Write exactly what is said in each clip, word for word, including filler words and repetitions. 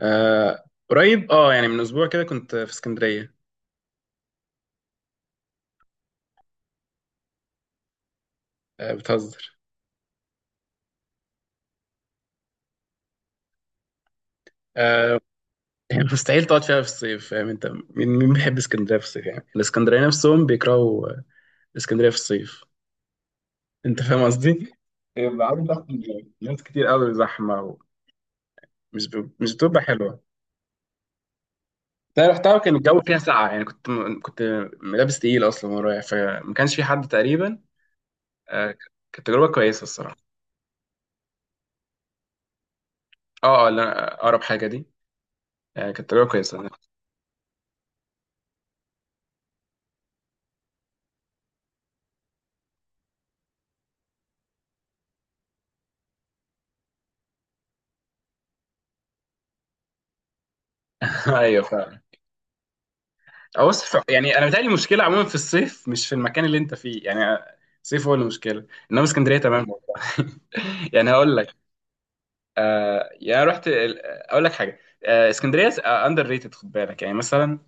آه، قريب اه يعني من اسبوع كده كنت في اسكندريه. آه، بتهزر؟ آه، يعني مستحيل تقعد فيها في الصيف، فاهم؟ انت مين مين بيحب اسكندريه في الصيف؟ يعني الاسكندريه نفسهم بيكرهوا آه، اسكندريه في الصيف. انت فاهم قصدي؟ يبقى عامل ضغط من ناس كتير قوي، زحمه، ومش ب... مش بتبقى حلوه. انا رحتها وكان الجو فيها ساقعه، يعني كنت م... كنت لابس تقيل اصلا وانا رايح، فما كانش في حد تقريبا. آه ك- كانت تجربه كويسه الصراحه. اه اه لا، اقرب حاجه دي. آه كانت تجربه كويسه. ايوه. بص، ف- يعني انا بتهيألي المشكله عموما في الصيف، مش في المكان اللي انت فيه يعني. الصيف هو المشكله، انما اسكندريه تمام والله. يعني هقول لك. آه يعني أنا رحت ال- اقول لك حاجه. آه اسكندريه اندر ريتد، خد بالك. يعني مثلا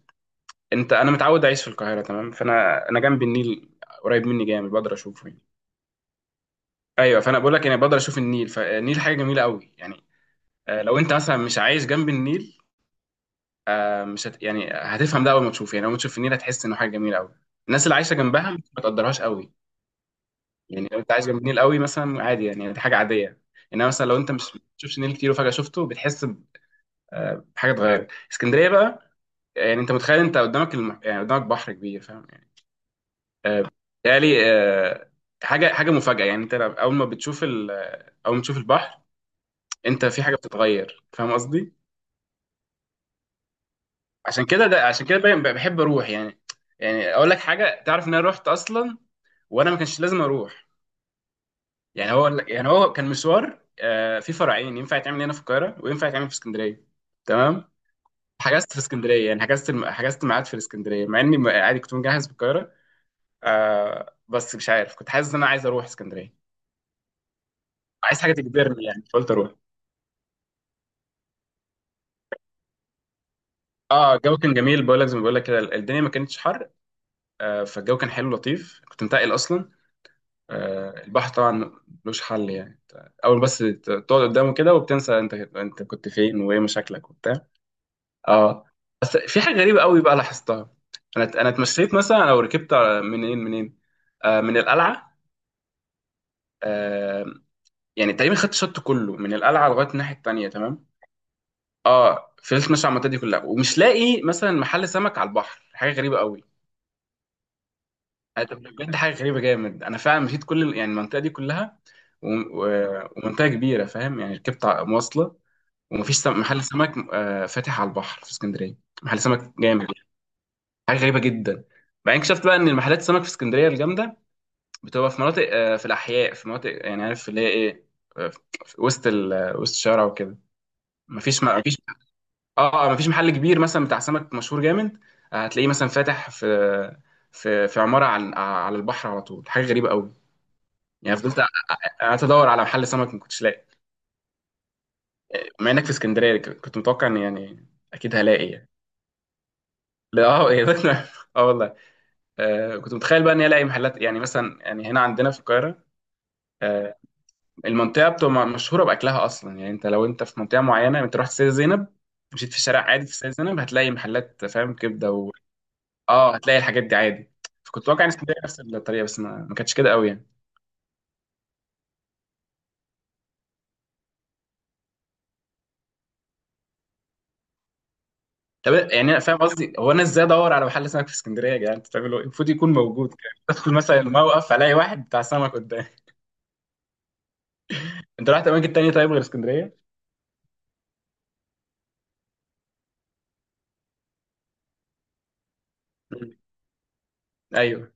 انت، انا متعود اعيش في القاهره تمام، فانا انا جنب النيل، قريب مني جامد، بقدر اشوفه يعني. ايوه، فانا بقول لك يعني بقدر اشوف النيل، فالنيل حاجه جميله قوي يعني. آه لو انت مثلا مش عايش جنب النيل، آه مش هت يعني هتفهم ده اول ما تشوف. يعني اول ما تشوف النيل هتحس انه حاجه جميله قوي. الناس اللي عايشه جنبها ما تقدرهاش قوي. يعني لو انت عايش جنب النيل قوي مثلا، عادي يعني، دي حاجه عاديه. انما مثلا لو انت مش بتشوفش نيل كتير وفجاه شفته، بتحس بحاجه اتغيرت. اسكندريه بقى، يعني انت متخيل انت قدامك الم... يعني قدامك بحر كبير، فاهم يعني. آه، بالتالي آه، حاجه حاجه مفاجاه. يعني انت لو- اول ما بتشوف ال... اول ما تشوف البحر، انت في حاجه بتتغير، فاهم قصدي؟ عشان كده، ده عشان كده باين- بحب اروح يعني. يعني اقول لك حاجه، تعرف ان انا رحت اصلا وانا ما كانش لازم اروح؟ يعني هو يعني هو كان مشوار، آه، في فرعين ينفع يتعمل هنا في القاهره وينفع يتعمل في اسكندريه، تمام. حجزت في اسكندريه، يعني حجزت الم- حجزت ميعاد في الاسكندريه، مع اني م- عادي كنت مجهز في القاهره. آه، بس مش عارف، كنت حاسس ان انا عايز اروح اسكندريه، عايز حاجه تجبرني يعني، فقلت اروح. اه، الجو كان جميل، بقول لك زي ما بقول لك كده، الدنيا ما كانتش حر. آه، فالجو كان حلو لطيف، كنت منتقل اصلا. آه، البحر طبعا ملوش حل يعني. اول بس ت- تقعد قدامه كده وبتنسى انت انت كنت فين وايه مشاكلك وبتاع. اه، بس في حاجه غريبه قوي بقى لاحظتها. انا انا اتمشيت مثلا، لو ركبت على- منين منين، آه من القلعه. آه يعني تقريبا خدت الشط كله من القلعه لغايه الناحيه التانيه، تمام. اه فضلت ماشي على المنطقه دي كلها ومش لاقي مثلا محل سمك على البحر، حاجه غريبه قوي. آه، طب بجد حاجه غريبه جامد، انا فعلا مشيت كل ال- يعني المنطقه دي كلها و... و... ومنطقه كبيره، فاهم يعني، ركبت ع- مواصله، ومفيش سم... محل سمك آه فاتح على البحر في اسكندريه، محل سمك جامد. حاجه غريبه جدا. بعدين اكتشفت بقى ان المحلات السمك في اسكندريه الجامده بتبقى في مناطق، آه، في الاحياء، في مناطق يعني، عارف اللي هي ايه، آه، في وسط ال... آه، وسط الشارع وكده. مفيش ما مفيش. اه، آه، مفيش محل كبير مثلا بتاع سمك مشهور جامد، آه، هتلاقيه مثلا فاتح في في في عماره على على البحر على طول، حاجه غريبه قوي. يعني فضلت قعدت ادور على محل سمك، ما كنتش لاقي، مع انك في اسكندريه ك- كنت متوقع ان يعني اكيد هلاقي يعني. لا اه، إيه ده؟ اه والله. آه، كنت متخيل بقى اني الاقي محلات، يعني مثلا يعني هنا عندنا في القاهره آه، المنطقه بتبقى مشهوره باكلها اصلا. يعني انت لو انت في منطقه معينه، انت رحت سيدة زينب، مشيت في شارع عادي في سيدة زينب، هتلاقي محلات، فاهم، كبده و... اه هتلاقي الحاجات دي عادي. فكنت واقع ان اسكندريه نفس الطريقه، بس ما, ما كانتش كده قوي يعني. طب يعني انا فاهم قصدي، هو انا ازاي ادور على محل سمك في اسكندريه؟ يا جدعان انت بتعملوا ايه؟ المفروض يكون موجود كده، ادخل مثلا الموقف الاقي واحد بتاع سمك قدامي. انت رحت اماكن تانية طيب غير اسكندريه؟ مم. ايوه.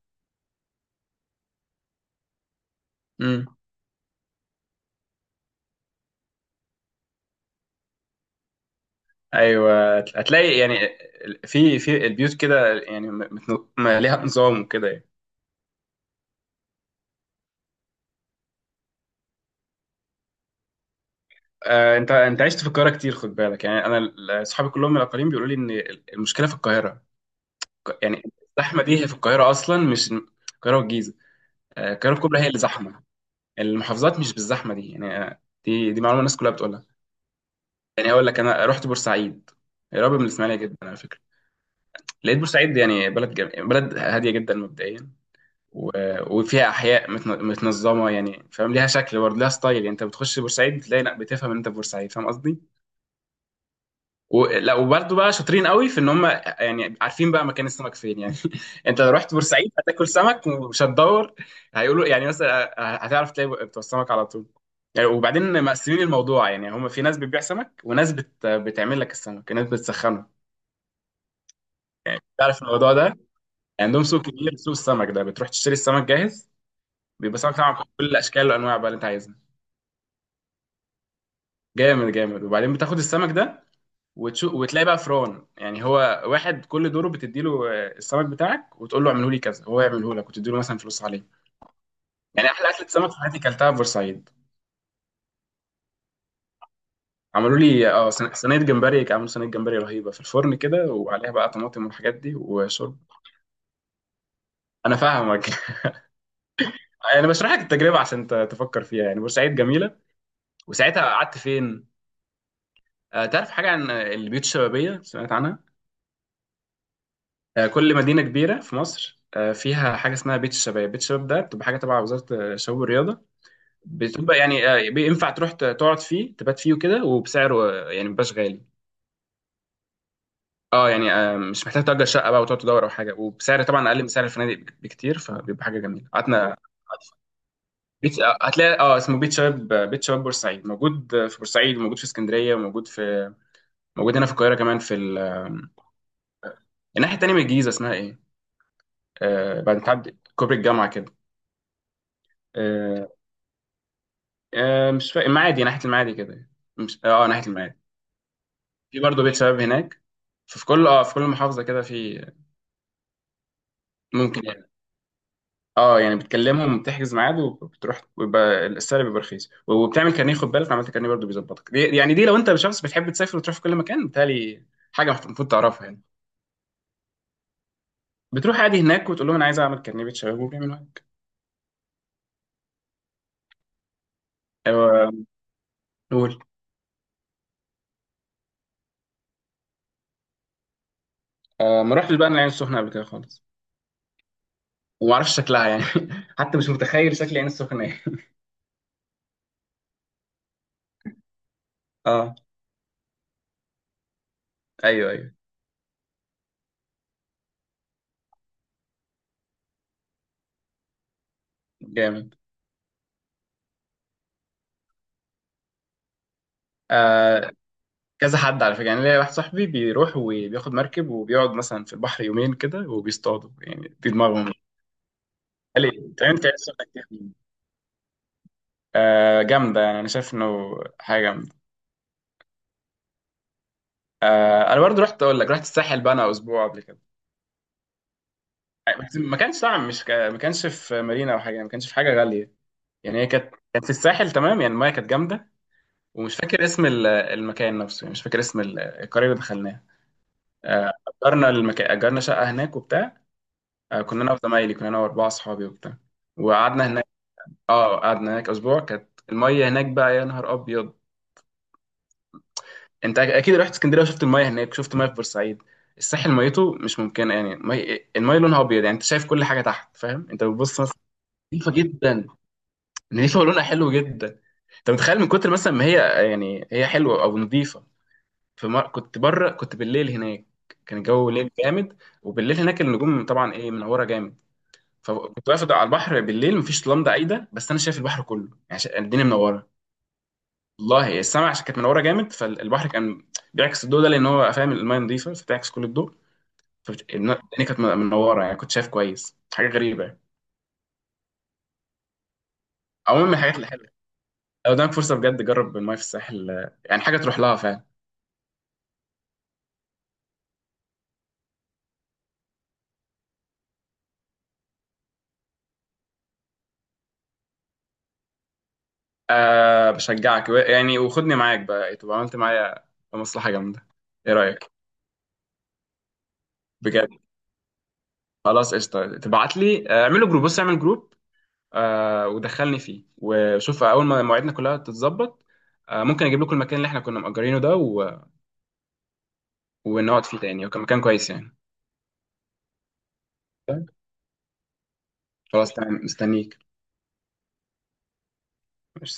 امم. ايوه هتلاقي يعني، في في البيوت كده يعني، متن- ليها نظام وكده يعني. آه، انت انت عشت في القاهره كتير، خد بالك. يعني انا ال- صحابي كلهم من الاقاليم بيقولوا لي ان ال- المشكله في القاهره، ك- يعني الزحمه دي هي في القاهره اصلا، مش القاهره والجيزه، آه، القاهره الكبرى هي اللي زحمه. المحافظات مش بالزحمه دي يعني، آه، دي دي معلومه الناس كلها بتقولها. يعني اقول لك، انا رحت بورسعيد، قريبه من الاسماعيليه جدا على فكره. لقيت بورسعيد يعني بلد جم... بلد هاديه جدا مبدئيا، و... وفيها احياء متن... متنظمه، يعني فاهم، ليها شكل، برضه ليها ستايل. يعني انت بتخش بورسعيد بتلاقي، لا بتفهم ان انت في بورسعيد، فاهم قصدي. و... لا وبرده بقى شاطرين قوي في ان هم يعني عارفين بقى مكان السمك فين يعني. انت لو رحت بورسعيد هتاكل سمك ومش هتدور، هيقولوا يعني مثلا، هتعرف تلاقي بتوع السمك على طول يعني. وبعدين مقسمين الموضوع يعني، هم في ناس بتبيع سمك وناس بت... بتعمل لك السمك، ناس بتسخنه، يعني تعرف الموضوع ده. عندهم سوق كبير، سوق السمك ده بتروح تشتري السمك جاهز، بيبقى سمك طبعا بكل الاشكال والانواع بقى اللي انت عايزها، جامد جامد. وبعدين بتاخد السمك ده وتشو... وتلاقي بقى فران، يعني هو واحد كل دوره بتديله آه، السمك بتاعك وتقول له اعمله لي كذا، هو يعمله لك وتديله مثلا فلوس عليه. يعني احلى اكله سمك في حياتي كلتها في بورسعيد. عملوا لي اه صينيه صينية جمبري، عملوا صينيه جمبري رهيبه في الفرن كده وعليها بقى طماطم والحاجات دي وشرب. انا فاهمك. انا بشرح لك التجربه عشان ت- تفكر فيها، يعني بورسعيد جميله. وساعتها قعدت فين؟ آه، تعرف حاجه عن آه، البيوت الشبابيه؟ سمعت عنها؟ آه، كل مدينه كبيره في مصر آه، فيها حاجه اسمها بيت الشباب. بيت الشباب ده بتبقى حاجه تبع وزاره آه، الشباب والرياضه. بتبقى يعني آه، بينفع تروح ت- تقعد فيه، تبات فيه وكده، وبسعره آه، يعني مبقاش غالي. اه يعني آه، مش محتاج تأجر شقة بقى وتقعد تدور او حاجة، وبسعر طبعا اقل من سعر الفنادق بك- بكتير، فبيبقى حاجة جميلة. قعدنا بيت آه، هتلاقي، اه، اسمه بيت شباب، آه، بيت شباب بورسعيد موجود، آه، في بورسعيد موجود، في اسكندرية موجود، في موجود هنا في القاهرة كمان، في ال... الناحية التانية من الجيزة، اسمها ايه؟ آه بعد ما تعدي كوبري الجامعة كده. آه آه مش فاكر، المعادي ناحية المعادي كده. مش اه ناحية المعادي، في برضه بيت شباب هناك. ففي كل اه في كل محافظة كده، في ممكن يعني. اه يعني بتكلمهم، بتحجز ميعاد، وبتروح ويبقى السعر بيبقى رخيص، وبتعمل كارنيه، خد بالك، لو عملت كارنيه برضه بيظبطك دي، يعني دي لو انت شخص بتحب تسافر وتروح في كل مكان، بتهيألي حاجه المفروض تعرفها يعني. بتروح عادي هناك وتقول لهم انا عايز اعمل كارنيه، بتشاور وبيعملوا عادي. ايوه، قول. آه ما رحتش بقى، أنا العين السخنه قبل كده خالص، وما اعرفش شكلها يعني. حتى مش متخيل شكل العين السخنه ايه. اه، ايوه ايوه، جامد. آه كذا حد على فكره، يعني ليا واحد صاحبي بيروح وبياخد مركب وبيقعد مثلا في البحر يومين كده وبيصطادوا، يعني دي دماغهم. قال لي، طب انت لسه بتاكد مين؟ آه جامده يعني، انا شايف انه حاجه جامده. آه انا برضو رحت اقول لك، رحت الساحل بقى انا اسبوع قبل كده. آه، بس ما كانش طبعا، مش ك... ما كانش في مارينا او حاجه، ما كانش في حاجه غاليه. يعني هي كانت كانت في الساحل، تمام يعني المايه كانت جامده. ومش فاكر اسم ال- المكان نفسه، يعني مش فاكر اسم ال- القريه اللي دخلناها. آه، اجرنا المكان اجرنا شقه هناك وبتاع. آه، كنا انا وزمايلي كنا انا واربعه اصحابي وبتاع، وقعدنا هناك. اه قعدنا هناك اسبوع، كانت الميه هناك بقى يا نهار ابيض. انت اكيد رحت اسكندريه وشفت المايه هناك، شفت مايه في بورسعيد، الساحل ميته مش ممكنه يعني. مي... المايه لونها ابيض، يعني انت شايف كل حاجه تحت، فاهم، انت بتبص مثلا. نظيفه جدا، نظيفه ولونها حلو جدا. انت متخيل من كتر مثلا ما هي، يعني هي حلوه او نظيفه، في مر... كنت بره، كنت بالليل هناك، كان الجو ليل جامد. وبالليل هناك النجوم طبعا ايه، منوره جامد. فكنت واقف على البحر بالليل، مفيش لمضه عايده، بس انا شايف البحر كله يعني، شا- الدنيا منوره، والله. السماء عشان كانت منوره جامد، فالبحر كان بيعكس الضوء ده، لان هو فاهم، المايه نضيفه فتعكس كل الضوء. فالدنيا كانت من- منوره، يعني كنت شايف كويس، حاجه غريبه يعني. عموما من الحاجات اللي حلوه، لو قدامك فرصه بجد جرب المايه في الساحل، آه، يعني حاجه تروح لها فعلا. أه بشجعك، و- يعني وخدني معاك بقى إيه، تبقى عملت معايا مصلحه جامده. ايه رايك؟ بجد. خلاص قشطه، تبعت لي، آه، اعملوا جروب بص اعمل جروب، أه ودخلني فيه وشوف، اول ما مواعيدنا كلها تتظبط آه، ممكن اجيب لكم المكان اللي احنا كنا مأجرينه ده ونقعد فيه تاني، وكان مكان كويس يعني. طيب، خلاص تمام، مستنيك. مش